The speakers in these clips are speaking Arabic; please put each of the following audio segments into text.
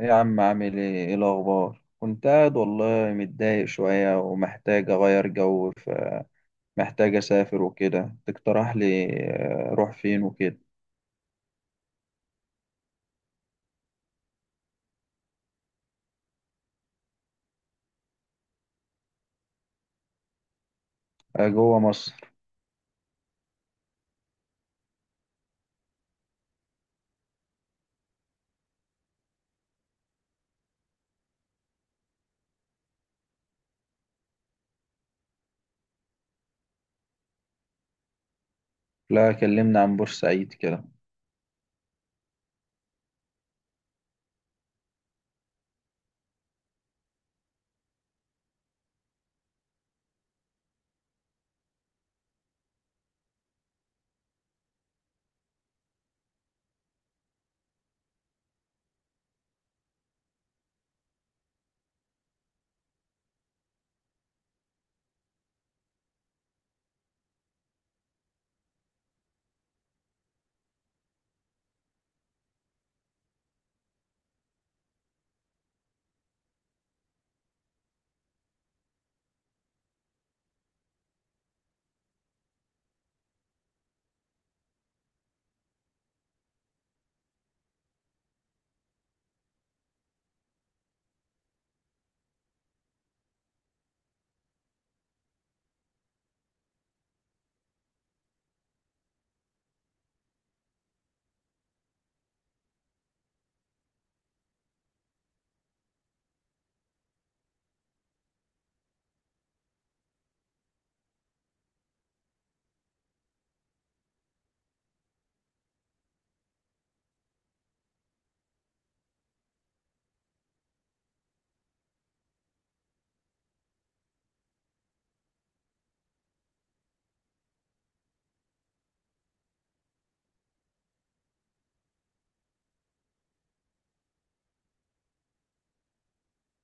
إيه يا عم عامل ايه الاخبار. كنت قاعد والله متضايق شوية ومحتاج اغير جو، فمحتاج اسافر وكده. تقترح لي اروح فين وكده. جوه مصر. لا، كلمنا عن بورسعيد كده.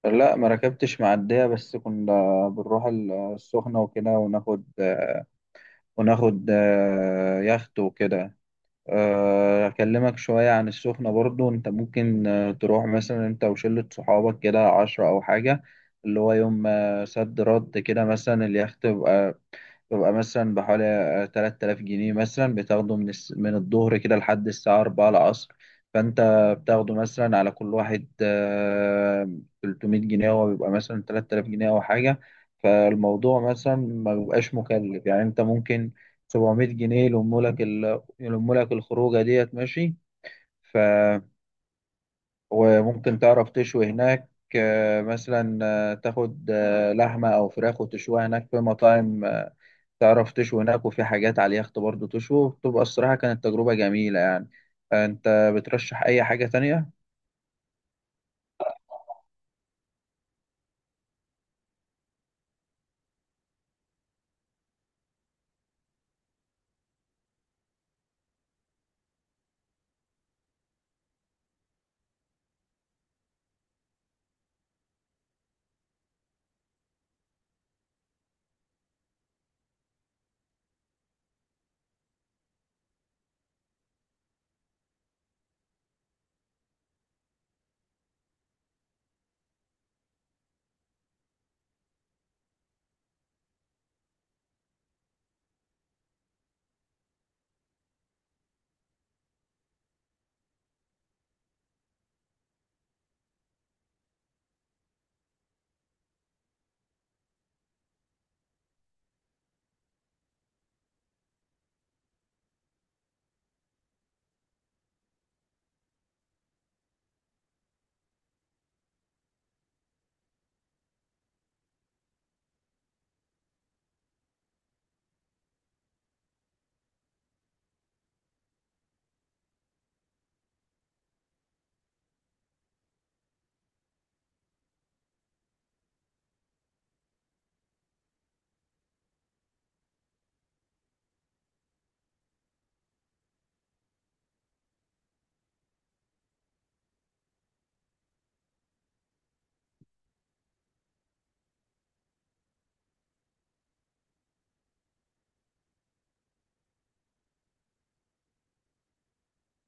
لا، ما ركبتش معدية، بس كنا بنروح السخنة وكده، وناخد آه، وناخد آه، يخت وكده. أكلمك شوية عن السخنة. برضو أنت ممكن تروح مثلا أنت وشلة صحابك كده 10 أو حاجة، اللي هو يوم صد رد كده. مثلا اليخت بيبقى ببقى مثلا بحوالي 3000 جنيه، مثلا بتاخده من من الظهر كده لحد الساعة 4 العصر. فأنت بتاخده مثلا على كل واحد 300 جنيه، هو بيبقى مثلا 3000 جنيه أو حاجة. فالموضوع مثلا ما بيبقاش مكلف، يعني أنت ممكن 700 جنيه يلمولك الخروجة ديت، ماشي. ف وممكن تعرف تشوي هناك. مثلا تاخد لحمة أو فراخ وتشويها هناك في مطاعم. تعرف تشوي هناك، وفي حاجات على اليخت برضه تشوي. بتبقى الصراحة كانت تجربة جميلة يعني. أنت بترشح أي حاجة تانية؟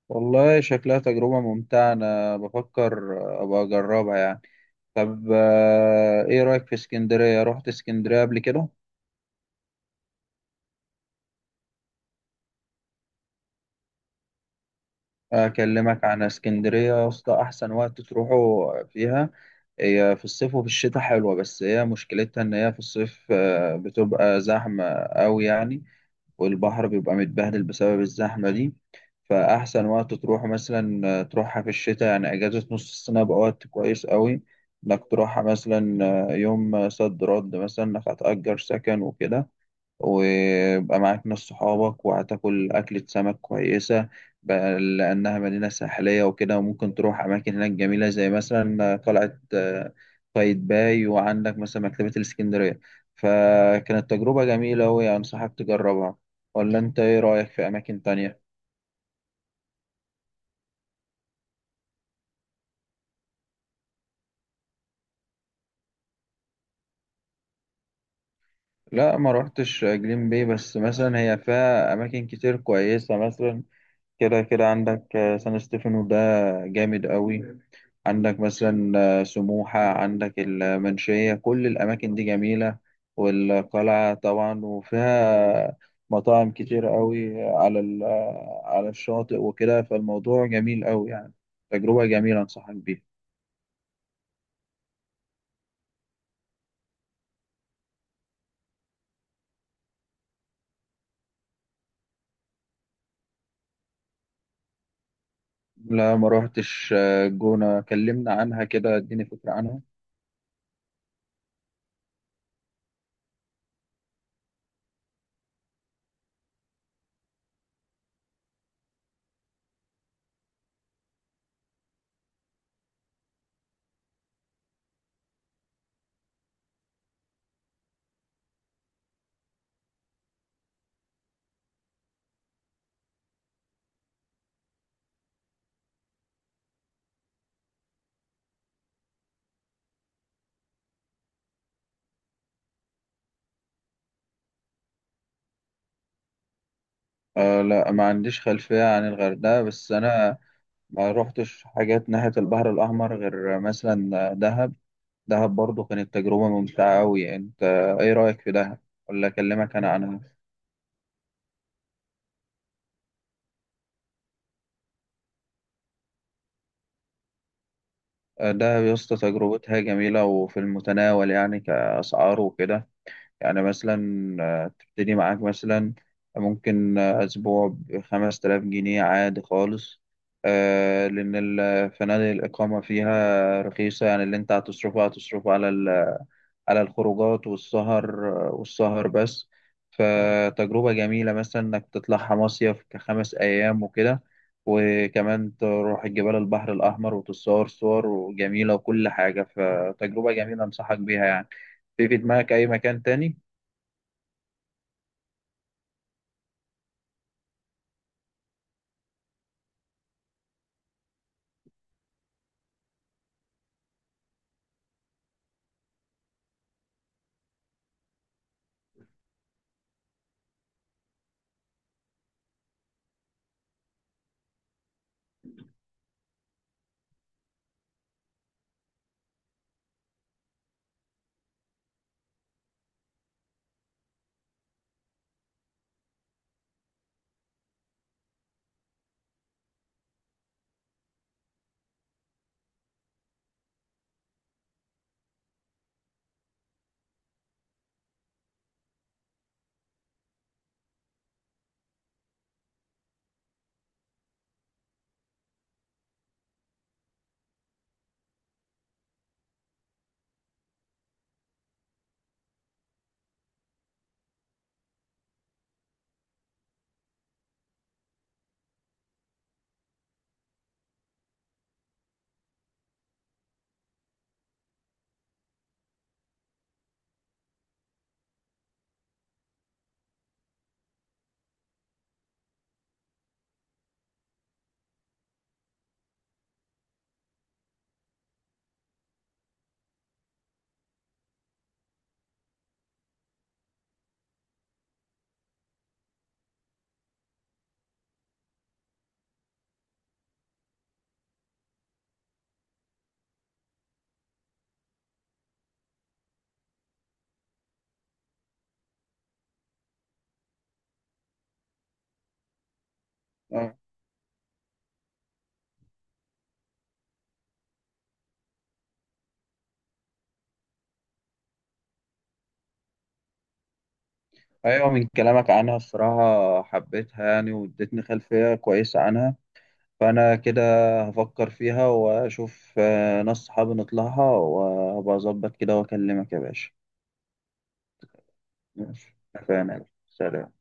والله شكلها تجربة ممتعة، أنا بفكر أبقى أجربها يعني. طب إيه رأيك في اسكندرية؟ رحت اسكندرية قبل كده؟ أكلمك عن اسكندرية يا اسطى. أحسن وقت تروحوا فيها هي في الصيف، وفي الشتاء حلوة. بس هي مشكلتها إن هي في الصيف بتبقى زحمة أوي يعني، والبحر بيبقى متبهدل بسبب الزحمة دي. فأحسن وقت تروح مثلا تروحها في الشتاء، يعني أجازة نص السنة بقى وقت كويس قوي إنك تروحها. مثلا يوم صد رد، مثلا إنك هتأجر سكن وكده ويبقى معاك ناس صحابك، وهتاكل أكلة سمك كويسة بقى لأنها مدينة ساحلية وكده. وممكن تروح أماكن هناك جميلة، زي مثلا قلعة قايتباي، وعندك مثلا مكتبة الإسكندرية. فكانت تجربة جميلة وأنصحك تجربها. ولا أنت إيه رأيك في أماكن تانية؟ لا، ما روحتش جليم بي. بس مثلا هي فيها أماكن كتير كويسة، مثلا كده كده عندك سان ستيفانو ده جامد قوي. عندك مثلا سموحة، عندك المنشية، كل الأماكن دي جميلة، والقلعة طبعا. وفيها مطاعم كتير قوي على ال- آه، على الشاطئ وكده، فالموضوع جميل قوي يعني. تجربة جميلة أنصحك بيها. لا، ما روحتش الجونة. كلمنا عنها كده، اديني فكرة عنها. آه، لا، ما عنديش خلفية عن الغردقة. بس أنا ما روحتش حاجات ناحية البحر الأحمر غير مثلا دهب. دهب برضو كانت تجربة ممتعة أوي يعني. أنت إيه رأيك في دهب؟ ولا أكلمك أنا عنها؟ دهب يا اسطى تجربتها جميلة، وفي المتناول يعني كأسعار وكده. يعني مثلا تبتدي معاك مثلا ممكن أسبوع بـ5000 جنيه عادي خالص، لأن الفنادق الإقامة فيها رخيصة. يعني اللي أنت هتصرفه هتصرفه على الخروجات والسهر بس. فتجربة جميلة مثلا إنك تطلعها مصيف كـ5 أيام وكده، وكمان تروح الجبال البحر الأحمر وتتصور صور جميلة وكل حاجة. فتجربة جميلة أنصحك بيها يعني. في دماغك أي مكان تاني؟ آه. أيوة، من كلامك عنها الصراحة حبيتها يعني، وادتني خلفية كويسة عنها. فأنا كده هفكر فيها وأشوف ناس صحابي نطلعها، وأبقى أظبط كده وأكلمك يا باشا. ماشي، اتفقنا، سلام.